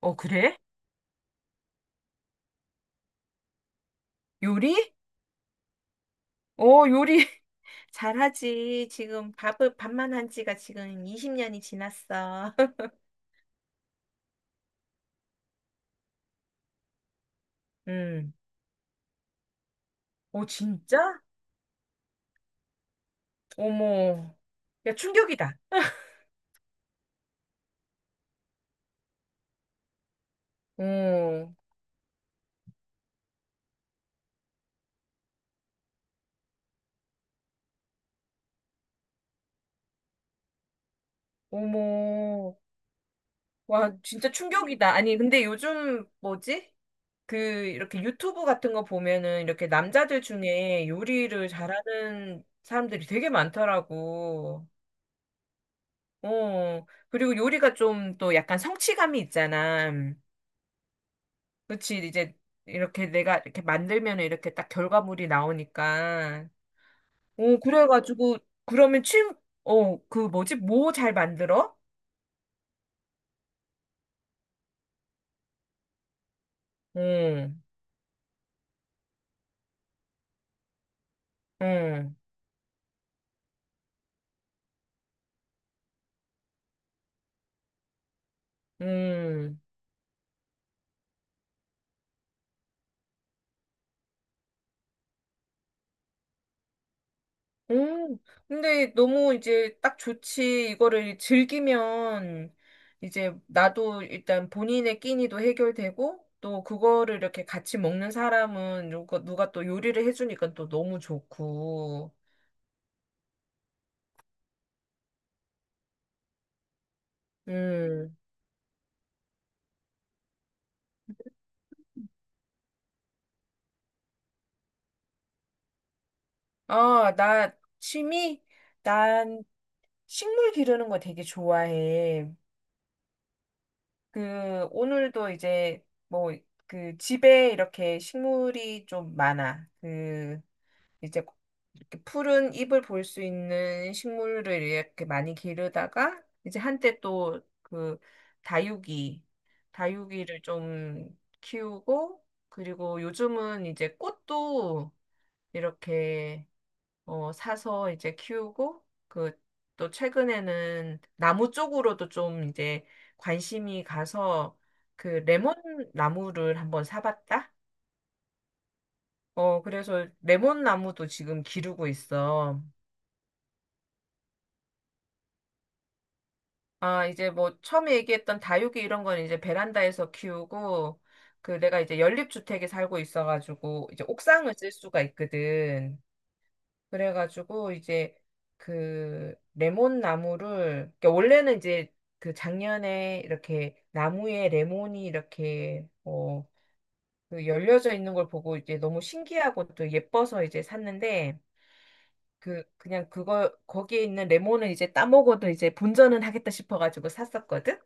어, 그래? 요리? 어, 요리 잘하지. 지금 밥을 밥만 한 지가 지금 20년이 지났어. 음. 어, 진짜? 어머. 야, 충격이다. 어, 어머. 와, 진짜 충격이다. 아니, 근데 요즘 뭐지? 그 이렇게 유튜브 같은 거 보면은 이렇게 남자들 중에 요리를 잘하는 사람들이 되게 많더라고. 어. 그리고 요리가 좀 또 약간 성취감이 있잖아. 그치, 이제 이렇게 내가 이렇게 만들면 이렇게 딱 결과물이 나오니까. 어, 그래가지고, 그러면 침, 어, 그 뭐지? 뭐 잘 만들어? 응, 응, 응, 응. 근데 너무 이제 딱 좋지. 이거를 즐기면 이제 나도 일단 본인의 끼니도 해결되고, 또 그거를 이렇게 같이 먹는 사람은 누가, 누가 또 요리를 해주니까 또 너무 좋고. 음. 어, 나 취미? 난 식물 기르는 거 되게 좋아해. 그, 오늘도 이제 뭐, 그 집에 이렇게 식물이 좀 많아. 그, 이제 이렇게 푸른 잎을 볼 수 있는 식물을 이렇게 많이 기르다가 이제 한때 또 그 다육이, 다육이를 좀 키우고 그리고 요즘은 이제 꽃도 이렇게 어, 사서 이제 키우고, 그, 또 최근에는 나무 쪽으로도 좀 이제 관심이 가서 그 레몬 나무를 한번 사봤다? 어, 그래서 레몬 나무도 지금 기르고 있어. 아, 이제 뭐 처음에 얘기했던 다육이 이런 건 이제 베란다에서 키우고, 그 내가 이제 연립주택에 살고 있어가지고 이제 옥상을 쓸 수가 있거든. 그래가지고 이제 그 레몬 나무를 그러니까 원래는 이제 그 작년에 이렇게 나무에 레몬이 이렇게 어 그 열려져 있는 걸 보고 이제 너무 신기하고 또 예뻐서 이제 샀는데 그 그냥 그거 거기에 있는 레몬을 이제 따먹어도 이제 본전은 하겠다 싶어가지고 샀었거든.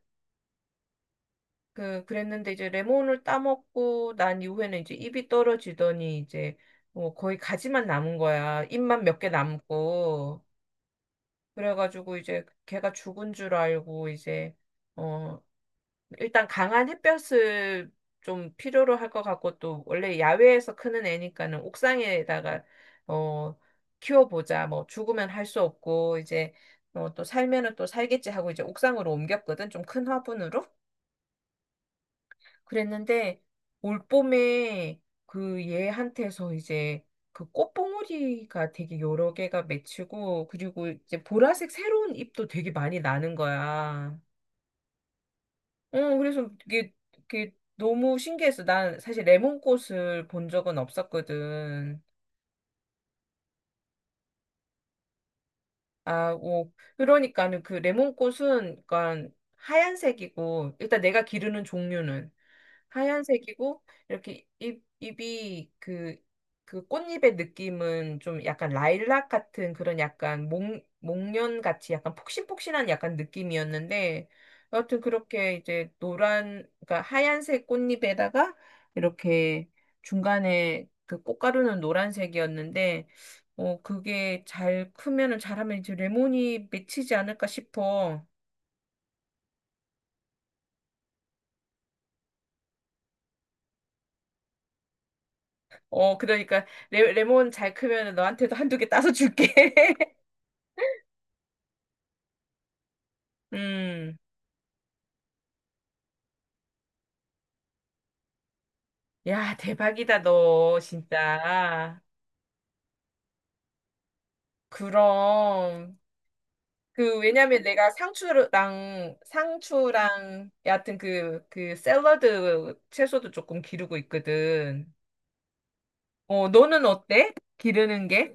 그 그랬는데 이제 레몬을 따먹고 난 이후에는 이제 잎이 떨어지더니 이제 뭐 거의 가지만 남은 거야. 잎만 몇 개 남고. 그래가지고 이제 걔가 죽은 줄 알고 이제 어 일단 강한 햇볕을 좀 필요로 할 것 같고 또 원래 야외에서 크는 애니까는 옥상에다가 어 키워보자 뭐 죽으면 할 수 없고 이제 어, 또 살면은 또 살겠지 하고 이제 옥상으로 옮겼거든 좀 큰 화분으로 그랬는데 올봄에 그 얘한테서 이제 그 꽃봉오리가 되게 여러 개가 맺히고 그리고 이제 보라색 새로운 잎도 되게 많이 나는 거야. 어 그래서 이게 너무 신기했어. 난 사실 레몬꽃을 본 적은 없었거든. 아, 오. 그러니까는 그 레몬꽃은 그러니까 하얀색이고 일단 내가 기르는 종류는 하얀색이고 이렇게 잎 잎이 그 그 꽃잎의 느낌은 좀 약간 라일락 같은 그런 약간 목 목련 같이 약간 폭신폭신한 약간 느낌이었는데 여하튼 그렇게 이제 노란 그러니까 하얀색 꽃잎에다가 이렇게 중간에 그 꽃가루는 노란색이었는데 어, 그게 잘 크면은 잘하면 이제 레몬이 맺히지 않을까 싶어. 어, 그러니까 레몬 잘 크면은 너한테도 한두 개 따서 줄게. 음. 야, 대박이다, 너, 진짜. 그럼, 그, 왜냐면 내가 상추랑, 여하튼 그, 그, 샐러드 채소도 조금 기르고 있거든. 어, 너는 어때? 기르는 게?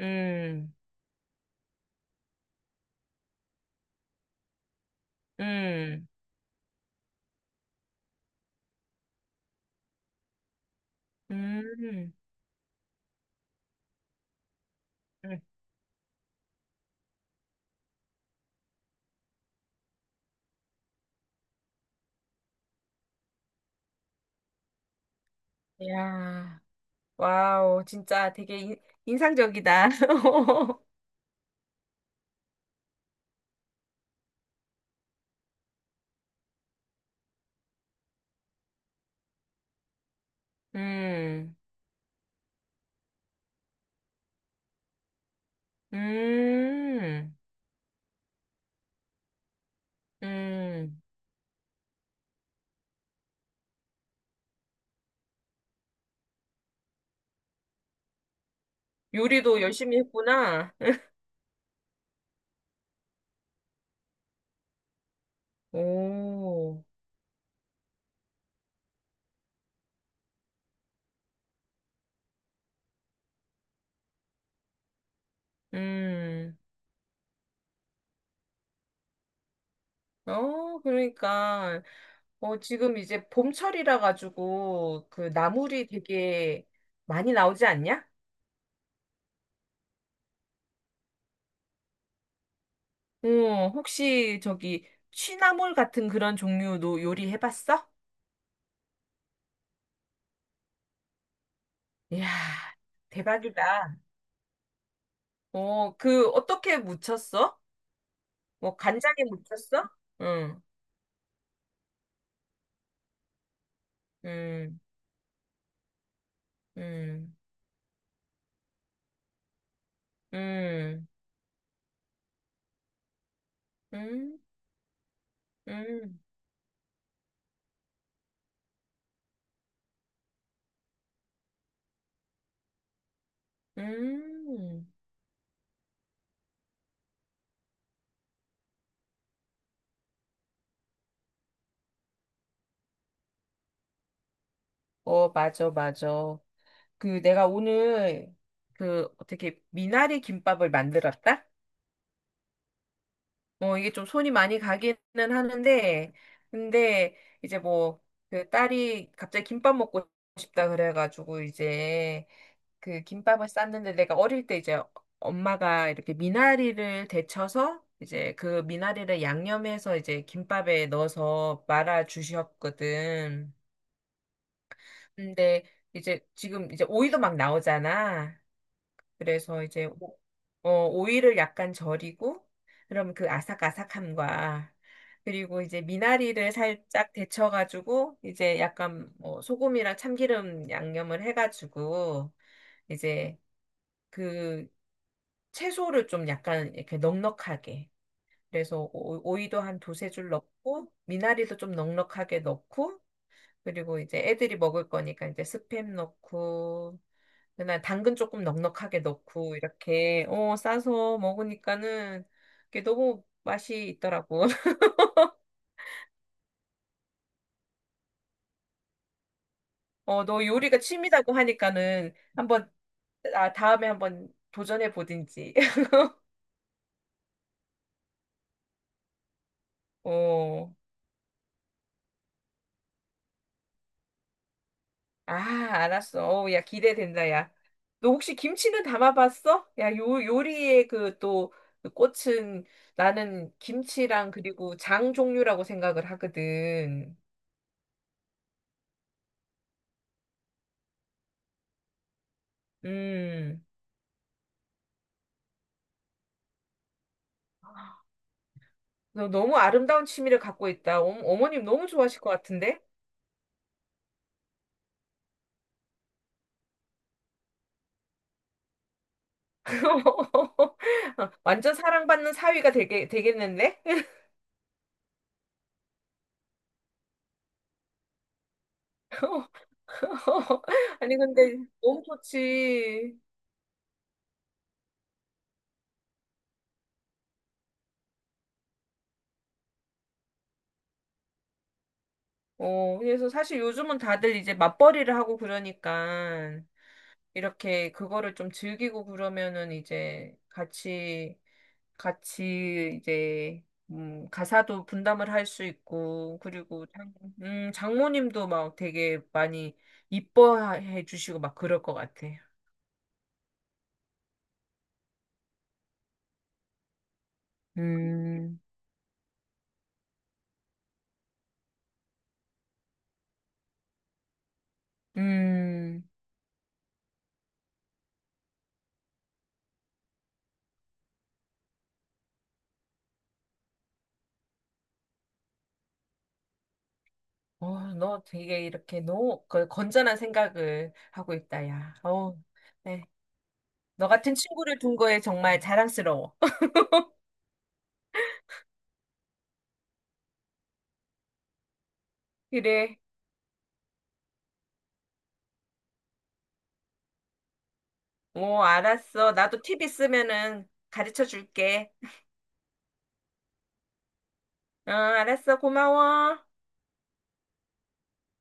음, 음, 음, 음. 야. 와우, 진짜 되게 인상적이다. 음, 음, 음. 요리도 열심히 했구나. 오, 음. 어, 그러니까. 어, 지금 이제 봄철이라 가지고 그 나물이 되게 많이 나오지 않냐? 어, 혹시 저기 취나물 같은 그런 종류도 요리해봤어? 이야, 대박이다. 어, 그 어떻게 무쳤어? 뭐 간장에 묻혔어? 응, 응. 응. 응. 응. 응. 응. 어, 맞아, 맞아. 그 내가 오늘 그 어떻게 미나리 김밥을 만들었다? 어, 이게 좀 손이 많이 가기는 하는데, 근데 이제 뭐 그 딸이 갑자기 김밥 먹고 싶다 그래가지고 이제 그 김밥을 쌌는데 내가 어릴 때 이제 엄마가 이렇게 미나리를 데쳐서 이제 그 미나리를 양념해서 이제 김밥에 넣어서 말아 주셨거든. 근데 이제 지금 이제 오이도 막 나오잖아. 그래서 이제 어, 오이를 약간 절이고 그럼 그 아삭아삭함과 그리고 이제 미나리를 살짝 데쳐가지고 이제 약간 뭐 소금이랑 참기름 양념을 해가지고 이제 그 채소를 좀 약간 이렇게 넉넉하게. 그래서 오이도 한 두세 줄 넣고, 미나리도 좀 넉넉하게 넣고, 그리고 이제 애들이 먹을 거니까 이제 스팸 넣고, 그다음 당근 조금 넉넉하게 넣고, 이렇게, 어, 싸서 먹으니까는 그게 너무 맛이 있더라고. 어, 너 요리가 취미라고 하니까는 한번, 아, 다음에 한번 도전해 보든지. 어. 아, 알았어. 어우, 야, 기대된다, 야. 너 혹시 김치는 담아봤어? 야, 요리의 그 또, 그 꽃은 나는 김치랑 그리고 장 종류라고 생각을 하거든. 음. 너 너무 아름다운 취미를 갖고 있다. 어, 어머님 너무 좋아하실 것 같은데? 완전 사랑받는 사위가 되겠는데? 아니, 근데 너무 좋지. 어, 그래서 사실 요즘은 다들 이제 맞벌이를 하고 그러니까. 이렇게 그거를 좀 즐기고 그러면은 이제 같이 이제 가사도 분담을 할 수 있고 그리고 장, 장모님도 막 되게 많이 이뻐해 주시고 막 그럴 것 같아. 음. 음. 어, 너 되게 이렇게 너무 그 건전한 생각을 하고 있다, 야. 어, 네. 너 같은 친구를 둔 거에 정말 자랑스러워. 그래. 어, 알았어. 나도 팁 있으면은 가르쳐 줄게. 아 알았어. 고마워.